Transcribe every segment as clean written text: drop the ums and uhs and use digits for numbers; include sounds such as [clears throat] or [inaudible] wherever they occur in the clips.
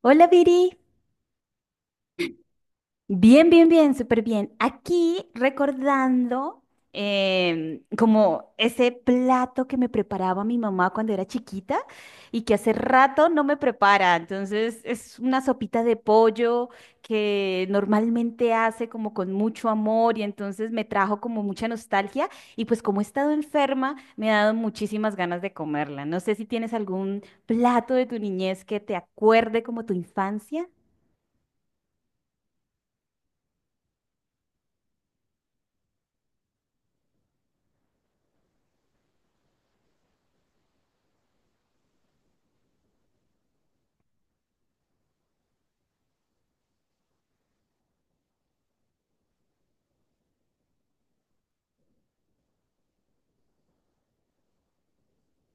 Hola, Viri. Bien, bien, bien, súper bien. Aquí recordando como ese plato que me preparaba mi mamá cuando era chiquita y que hace rato no me prepara. Entonces es una sopita de pollo que normalmente hace como con mucho amor y entonces me trajo como mucha nostalgia y pues como he estado enferma me ha dado muchísimas ganas de comerla. No sé si tienes algún plato de tu niñez que te acuerde como tu infancia.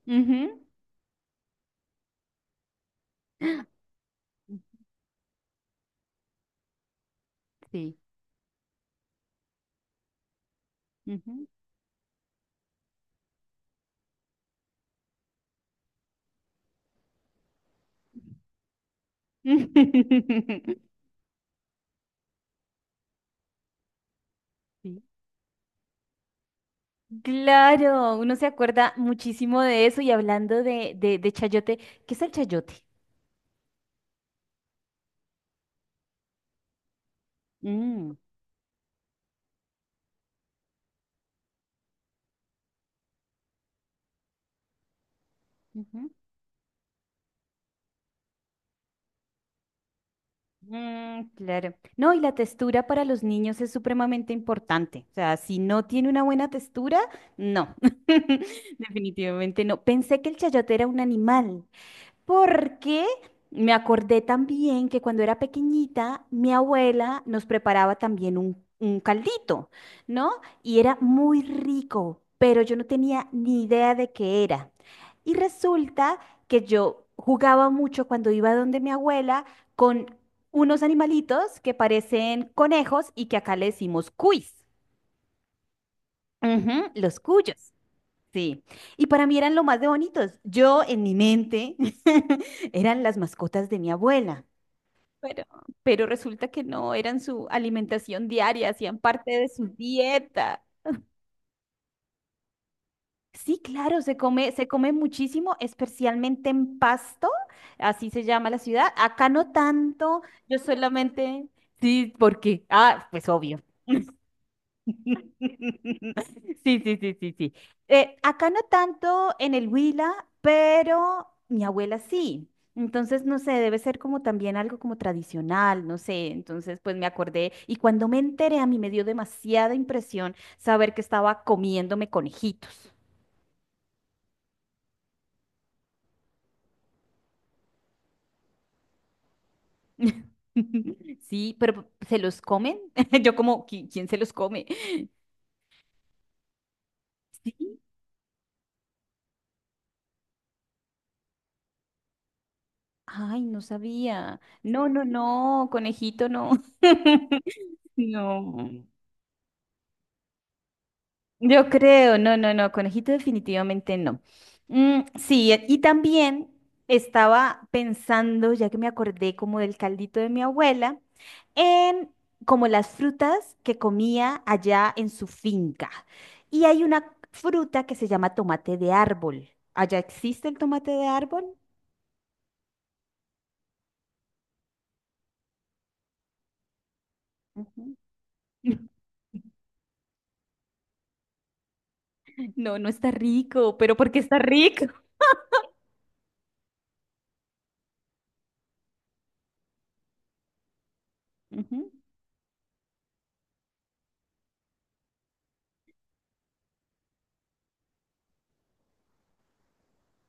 Ujú. Sí. Ujú. [laughs] Sí. Claro, uno se acuerda muchísimo de eso y hablando de chayote, ¿qué es el chayote? Mm, ujú. Mm, claro. No, y la textura para los niños es supremamente importante. O sea, si no tiene una buena textura, no. [laughs] Definitivamente no. Pensé que el chayote era un animal. Porque me acordé también que cuando era pequeñita, mi abuela nos preparaba también un caldito, ¿no? Y era muy rico, pero yo no tenía ni idea de qué era. Y resulta que yo jugaba mucho cuando iba donde mi abuela con unos animalitos que parecen conejos y que acá le decimos cuis. Ujú, los cuyos. Sí, y para mí eran lo más de bonitos. Yo en mi mente [laughs] eran las mascotas de mi abuela. Pero, pero resulta que no, eran su alimentación diaria, hacían parte de su dieta. Sí, claro, se come muchísimo, especialmente en Pasto, así se llama la ciudad. Acá no tanto, yo solamente, sí, porque, ah, pues obvio. Sí, sí, sí, sí, sí. Acá no tanto en el Huila, pero mi abuela sí. Entonces, no sé, debe ser como también algo como tradicional, no sé. Entonces, pues me acordé y cuando me enteré a mí me dio demasiada impresión saber que estaba comiéndome conejitos. [laughs] Sí, pero ¿se los comen? [laughs] Yo como, "¿Qui- ¿quién se los come?" Sí. Ay, no sabía. No, no, no, conejito, no. [laughs] No. Yo creo, no, no, no, conejito definitivamente no. Mm, sí, e- y también estaba pensando, ya que me acordé como del caldito de mi abuela, en como las frutas que comía allá en su finca. Y hay una fruta que se llama tomate de árbol. ¿Allá existe el tomate de árbol? Ujú. [laughs] No, no está rico, pero ¿por qué está rico? Ujú.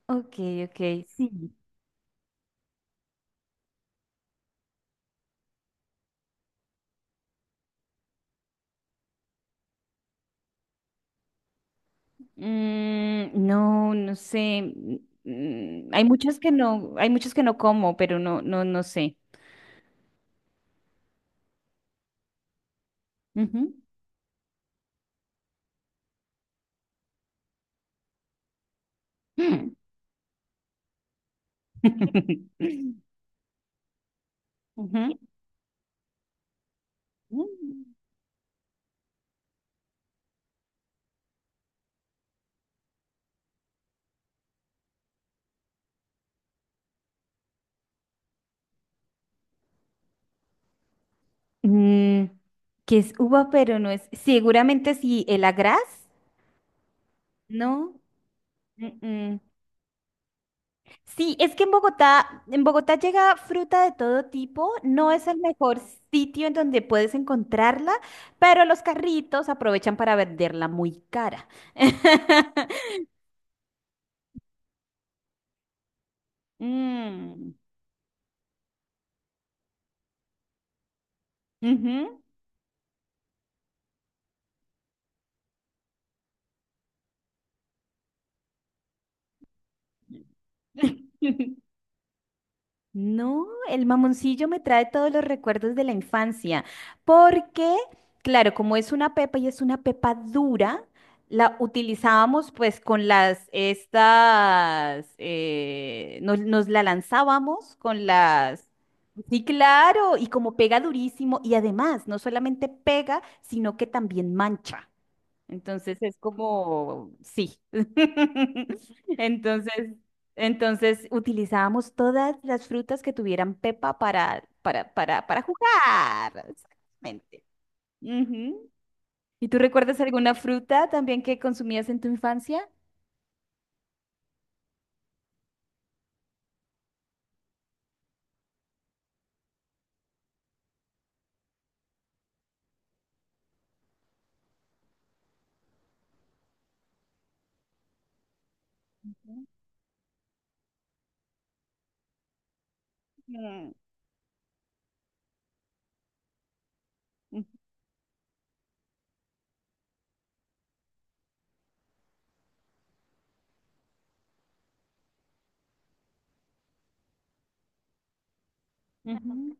Ok, ok, sí. Mm, no, no sé. Mm, mm, hay muchos que no, hay muchos que no como, pero no, no, no sé. Ujú. Mm. [laughs] Ujú. Mm, mm, que es uva, pero no es. Seguramente sí, el agraz, ¿no? Mm-mm. Sí, es que en Bogotá llega fruta de todo tipo. No es el mejor sitio en donde puedes encontrarla, pero los carritos aprovechan para venderla muy cara. [laughs] Mm, ujú. [laughs] No, el mamoncillo me trae todos los recuerdos de la infancia, porque, claro, como es una pepa y es una pepa dura, la utilizábamos pues con las, estas, nos la lanzábamos con las... Sí, claro, y como pega durísimo, y además no solamente pega, sino que también mancha. Entonces es como, sí. [laughs] Entonces, entonces utilizábamos todas las frutas que tuvieran pepa para jugar. Exactamente. Ujú. ¿Y tú recuerdas alguna fruta también que consumías en tu infancia? Mm, mm, ujú.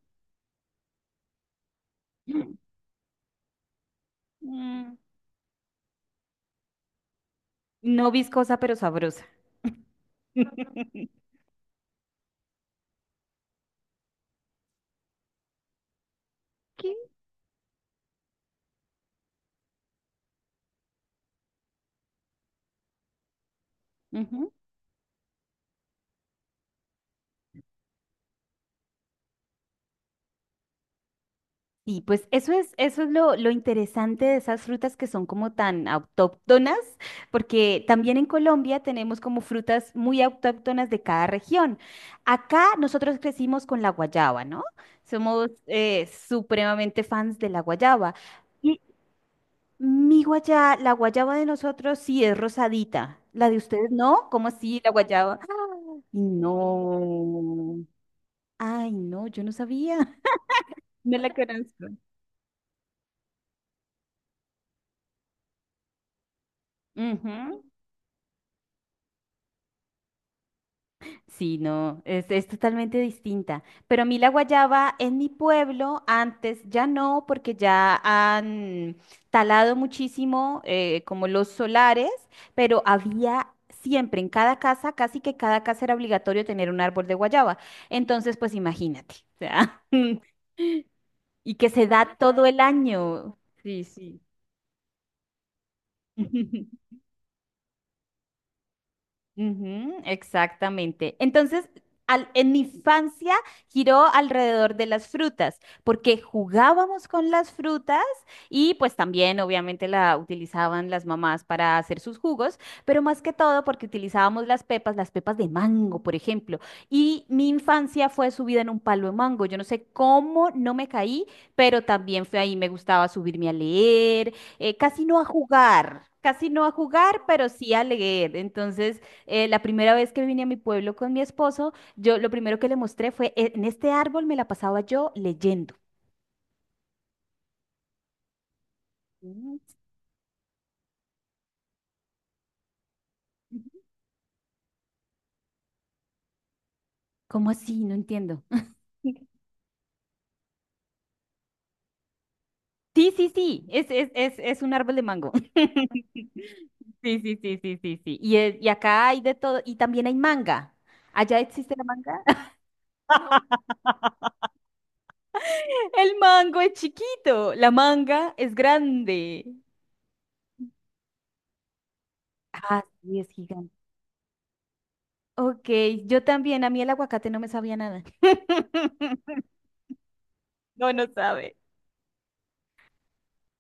[clears throat] Mm. No viscosa, pero sabrosa. [laughs] ¿Qué? Y pues eso es lo interesante de esas frutas que son como tan autóctonas, porque también en Colombia tenemos como frutas muy autóctonas de cada región. Acá nosotros crecimos con la guayaba, ¿no? Somos supremamente fans de la guayaba. Y mi guayaba, la guayaba de nosotros sí es rosadita. La de ustedes no, ¿cómo así la guayaba? ¡Ah! No. Ay, no, yo no sabía. [laughs] No la conozco. Ujú. Sí, no, es totalmente distinta. Pero a mí la guayaba en mi pueblo antes ya no, porque ya han talado muchísimo como los solares, pero había siempre en cada casa, casi que cada casa era obligatorio tener un árbol de guayaba. Entonces, pues imagínate, o sea, [laughs] y que se da todo el año. Sí, sí. [laughs] Ujú, exactamente. Entonces, al- en mi infancia giró alrededor de las frutas, porque jugábamos con las frutas y pues también obviamente la utilizaban las mamás para hacer sus jugos, pero más que todo porque utilizábamos las pepas de mango, por ejemplo. Y mi infancia fue subida en un palo de mango. Yo no sé cómo no me caí, pero también fue ahí, me gustaba subirme a leer, casi no a jugar. Casi no a jugar, pero sí a leer. Entonces, la primera vez que vine a mi pueblo con mi esposo, yo lo primero que le mostré fue, "E- en este árbol me la pasaba yo leyendo." Mm. ¿Cómo así? No entiendo. [laughs] Sí, sí, sí, es un árbol de mango. [laughs] Sí, sí, sí, sí, sí, sí. Y, es- y acá hay de todo, y también hay manga. ¿Allá existe la manga? [laughs] El mango es chiquito, la manga es grande. Ah, sí, es gigante. Ok, yo también, a mí el aguacate no me sabía nada. [laughs] No, no sabe.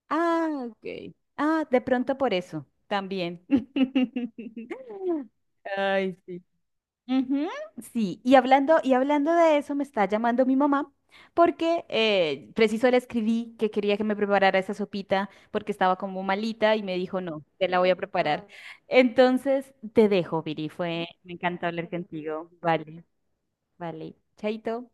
Ah, ok. Ah, de pronto por eso, también. [laughs] Ay, sí. Ujú, sí, y hablando de eso, me está llamando mi mamá porque preciso le escribí que quería que me preparara esa sopita porque estaba como malita y me dijo, no, te la voy a preparar. Entonces, te dejo, Viri, fue, [laughs] me encantó hablar contigo. Vale, vale. Chaito.